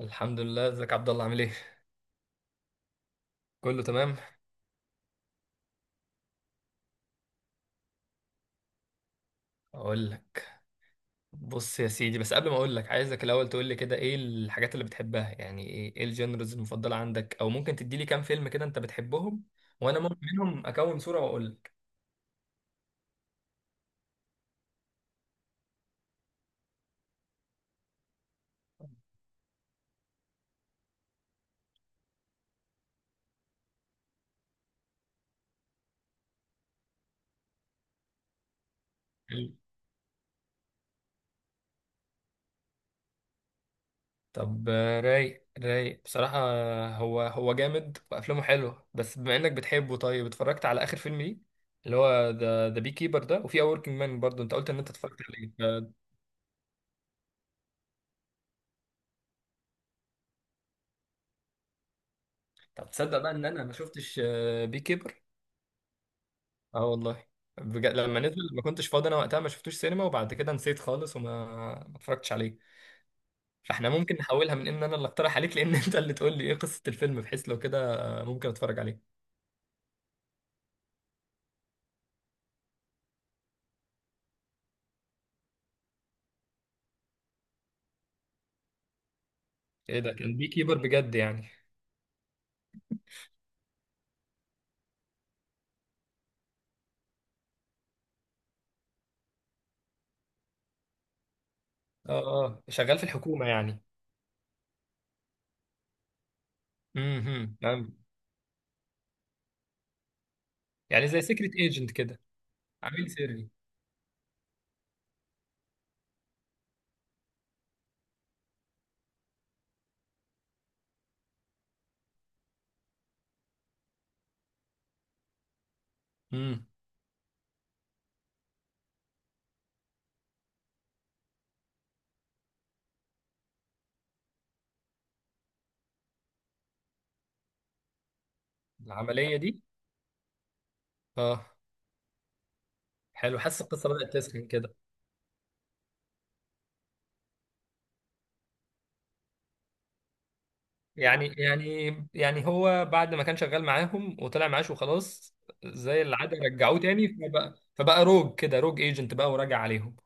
الحمد لله. ازيك يا عبد الله، عامل ايه؟ كله تمام. اقول لك. بص يا سيدي، بس قبل ما اقول لك عايزك الاول تقول لي كده ايه الحاجات اللي بتحبها، يعني ايه الجنرز المفضله عندك، او ممكن تدي لي كام فيلم كده انت بتحبهم، وانا ممكن منهم اكون صوره واقول لك. حلو. طب رايق رايق بصراحه، هو هو جامد وافلامه حلوه، بس بما انك بتحبه، طيب اتفرجت على اخر فيلم ليه؟ اللي هو ذا بي كيبر ده، وفي اور وركينج مان برضه انت قلت ان انت اتفرجت عليه طب تصدق بقى ان انا ما شفتش بي كيبر؟ اه والله. بجد، لما نزل ما كنتش فاضي. انا وقتها ما شفتوش سينما، وبعد كده نسيت خالص، وما ما اتفرجتش عليه. فاحنا ممكن نحولها من ان انا اللي اقترح عليك، لان انت اللي تقول لي ايه قصة الفيلم، بحيث لو كده ممكن اتفرج عليه. ايه ده، كان بي كيبر بجد يعني؟ اه، اه، شغال في الحكومة يعني. فاهم. يعني زي سيكريت ايجنت كده. عميل سري. امم العملية دي، اه. حلو، حاسس القصة بدأت تسخن كده. يعني هو بعد ما كان شغال معاهم وطلع معاش وخلاص، زي العادة رجعوه تاني، فبقى روج كده، روج ايجنت بقى وراجع عليهم.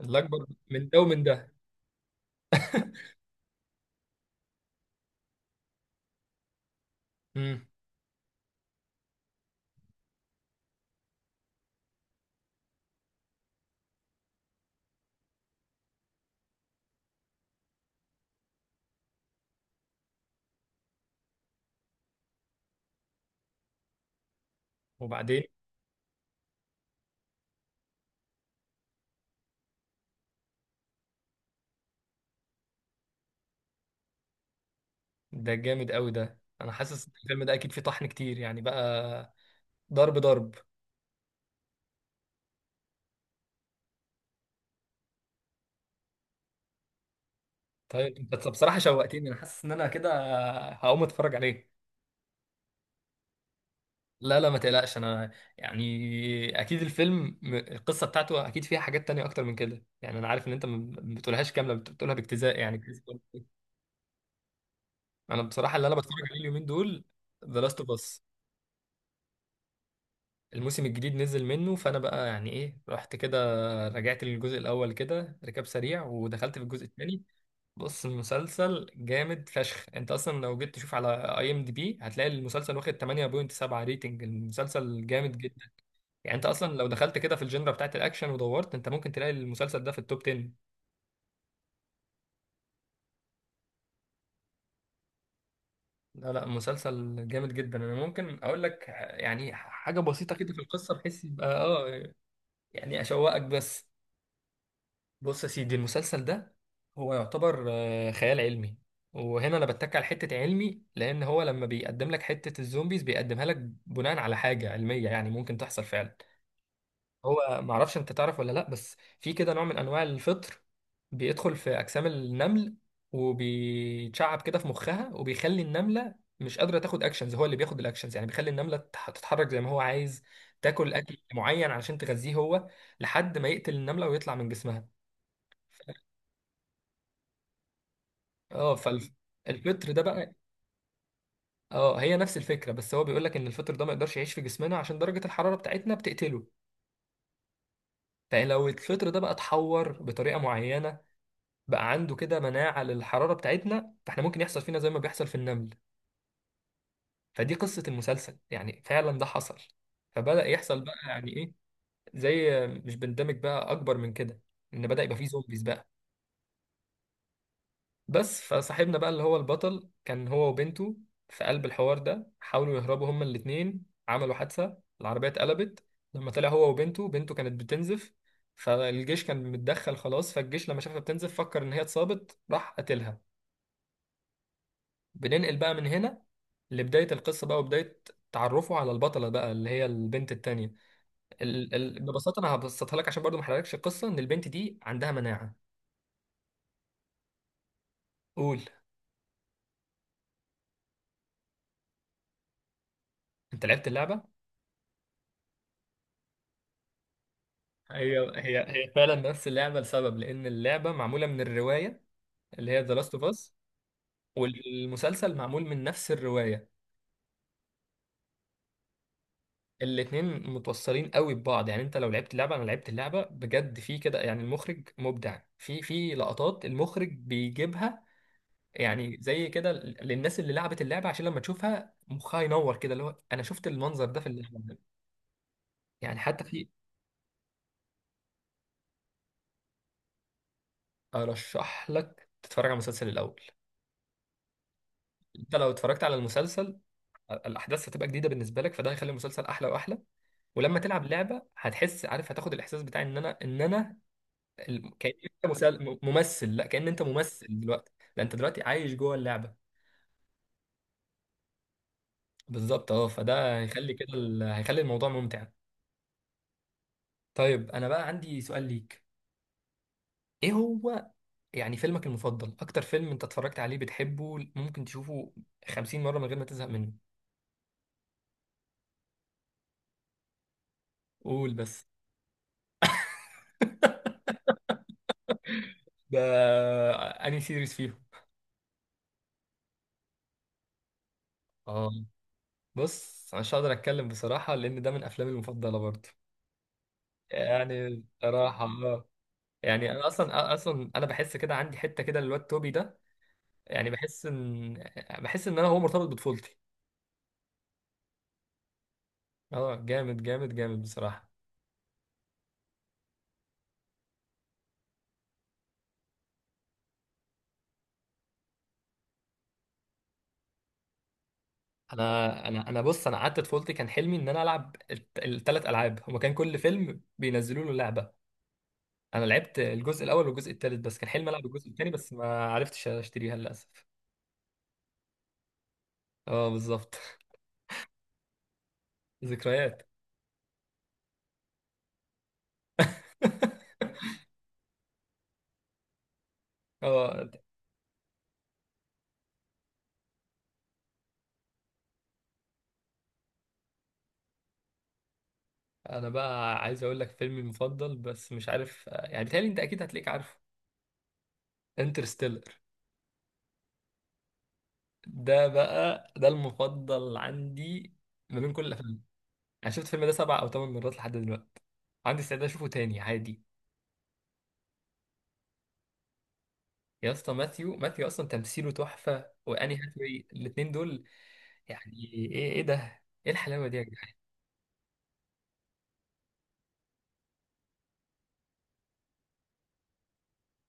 الأكبر من ده ومن ده. امم وبعدين؟ ده جامد قوي ده. انا حاسس إن الفيلم ده اكيد فيه طحن كتير يعني بقى. ضرب ضرب. طيب انت بصراحة شوقتني، انا حاسس ان انا كده هقوم اتفرج عليه. لا، لا، ما تقلقش، انا يعني اكيد الفيلم القصه بتاعته اكيد فيها حاجات تانية اكتر من كده يعني. انا عارف ان انت ما بتقولهاش كامله، بتقولها باجتزاء يعني. انا بصراحه اللي انا بتفرج عليه اليومين دول ذا لاست اوف اس. الموسم الجديد نزل منه، فانا بقى يعني ايه، رحت كده رجعت للجزء الاول كده ركاب سريع، ودخلت في الجزء الثاني. بص، المسلسل جامد فشخ. انت اصلا لو جيت تشوف على اي ام دي بي هتلاقي المسلسل واخد 8.7 ريتنج. المسلسل جامد جدا. يعني انت اصلا لو دخلت كده في الجنرا بتاعت الاكشن ودورت، انت ممكن تلاقي المسلسل ده في التوب 10. لا، لا، مسلسل جامد جدا، انا ممكن اقول لك يعني حاجه بسيطه كده في القصه بحيث يبقى، اه، يعني اشوقك بس. بص يا سيدي، المسلسل ده هو يعتبر خيال علمي. وهنا انا بتك على حته علمي، لان هو لما بيقدم لك حته الزومبيز بيقدمها لك بناء على حاجه علميه يعني ممكن تحصل فعلا. هو معرفش انت تعرف ولا لا، بس في كده نوع من انواع الفطر بيدخل في اجسام النمل، وبيتشعب كده في مخها، وبيخلي النمله مش قادره تاخد اكشنز، هو اللي بياخد الاكشنز، يعني بيخلي النمله تتحرك زي ما هو عايز، تاكل اكل معين علشان تغذيه هو، لحد ما يقتل النمله ويطلع من جسمها. اه، فالفطر ده بقى، اه، هي نفس الفكره، بس هو بيقول لك ان الفطر ده ما يقدرش يعيش في جسمنا عشان درجه الحراره بتاعتنا بتقتله. فلو الفطر ده بقى اتحور بطريقه معينه، بقى عنده كده مناعة للحرارة بتاعتنا، فاحنا ممكن يحصل فينا زي ما بيحصل في النمل. فدي قصة المسلسل، يعني فعلا ده حصل، فبدأ يحصل بقى يعني ايه، زي مش بندمج بقى اكبر من كده، ان بدأ يبقى فيه زومبيز بقى. بس فصاحبنا بقى اللي هو البطل كان هو وبنته في قلب الحوار ده، حاولوا يهربوا هما الاتنين، عملوا حادثة، العربية اتقلبت. لما طلع هو وبنته، بنته كانت بتنزف، فالجيش كان متدخل خلاص، فالجيش لما شافها بتنزف فكر ان هي اتصابت، راح قتلها. بننقل بقى من هنا لبداية القصة بقى، وبداية تعرفه على البطلة بقى اللي هي البنت التانية. ببساطة أنا هبسطها لك عشان برضو ما أحرقلكش القصة، إن البنت دي عندها مناعة. قول. أنت لعبت اللعبة؟ هي فعلا نفس اللعبة لسبب، لأن اللعبة معمولة من الرواية اللي هي ذا لاست أوف أس. والمسلسل معمول من نفس الرواية. الاتنين متوصلين قوي ببعض، يعني انت لو لعبت اللعبة، انا لعبت اللعبة بجد في كده، يعني المخرج مبدع في لقطات المخرج بيجيبها، يعني زي كده للناس اللي لعبت اللعبه، عشان لما تشوفها مخها ينور كده، اللي هو انا شفت المنظر ده في اللعبه. يعني حتى في. ارشح لك تتفرج على المسلسل الاول. انت لو اتفرجت على المسلسل، الاحداث هتبقى جديده بالنسبه لك، فده هيخلي المسلسل احلى واحلى. ولما تلعب لعبه هتحس، عارف، هتاخد الاحساس بتاع ان انا كأن انت ممثل، لا كأن انت ممثل دلوقتي. لا، انت دلوقتي عايش جوه اللعبه. بالظبط، اه، فده هيخلي كده هيخلي الموضوع ممتع. طيب انا بقى عندي سؤال ليك. ايه هو؟ يعني فيلمك المفضل، اكتر فيلم انت اتفرجت عليه بتحبه ممكن تشوفه 50 مرة من غير ما تزهق منه؟ قول بس. ده انهي سيريز فيهم؟ اه، بص أنا مش هقدر اتكلم بصراحة، لان ده من افلامي المفضلة برضه. يعني بصراحة اه، يعني انا اصلا انا بحس كده عندي حتة كده للواد توبي ده. يعني بحس ان انا هو مرتبط بطفولتي. اه، جامد جامد جامد بصراحة. انا بص، انا قعدت طفولتي كان حلمي ان انا العب الثلاث العاب هما، كان كل فيلم بينزلوا له لعبه. انا لعبت الجزء الاول والجزء الثالث، بس كان حلمي العب الجزء الثاني، بس ما عرفتش اشتريها للاسف. اه، بالظبط. ذكريات. اه. انا بقى عايز اقول لك فيلمي المفضل، بس مش عارف، يعني بيتهيألي انت اكيد هتلاقيك عارفه. انترستيلر. ده بقى، ده المفضل عندي ما بين كل الافلام. انا شفت الفيلم ده 7 أو 8 مرات لحد دلوقتي، عندي استعداد اشوفه تاني عادي. يا اسطى! ماثيو، ماثيو اصلا تمثيله تحفه، واني هاثاواي، الاثنين دول، يعني ايه ده، ايه الحلاوه دي يا.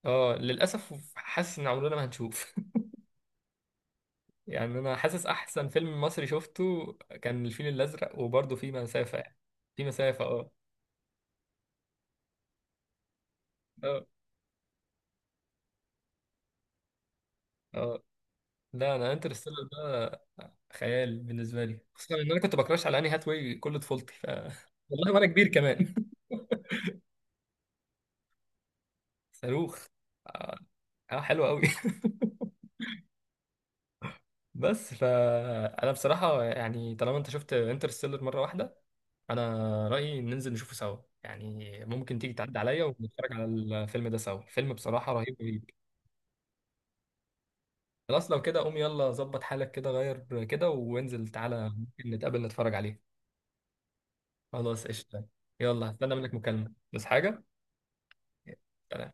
اه للاسف، حاسس ان عمرنا ما هنشوف. يعني انا حاسس احسن فيلم مصري شفته كان الفيل الازرق، وبرضه في مسافه يعني، في مسافه، اه، اه، اه. لا، انا انترستيلر ده خيال بالنسبه لي، خصوصا ان انا كنت بكراش على اني هاتواي كل طفولتي، ف والله وانا كبير كمان. صاروخ. اه، حلو قوي. بس فانا بصراحه يعني طالما انت شفت انترستيلر مره واحده، انا رايي ننزل نشوفه سوا، يعني ممكن تيجي تعدي عليا ونتفرج على الفيلم ده سوا. الفيلم بصراحه رهيب رهيب. خلاص لو كده، قوم يلا، ظبط حالك كده، غير كده وانزل تعالى ممكن نتقابل نتفرج عليه. خلاص، قشطه. يلا، هستنى منك مكالمه. بس حاجه. سلام.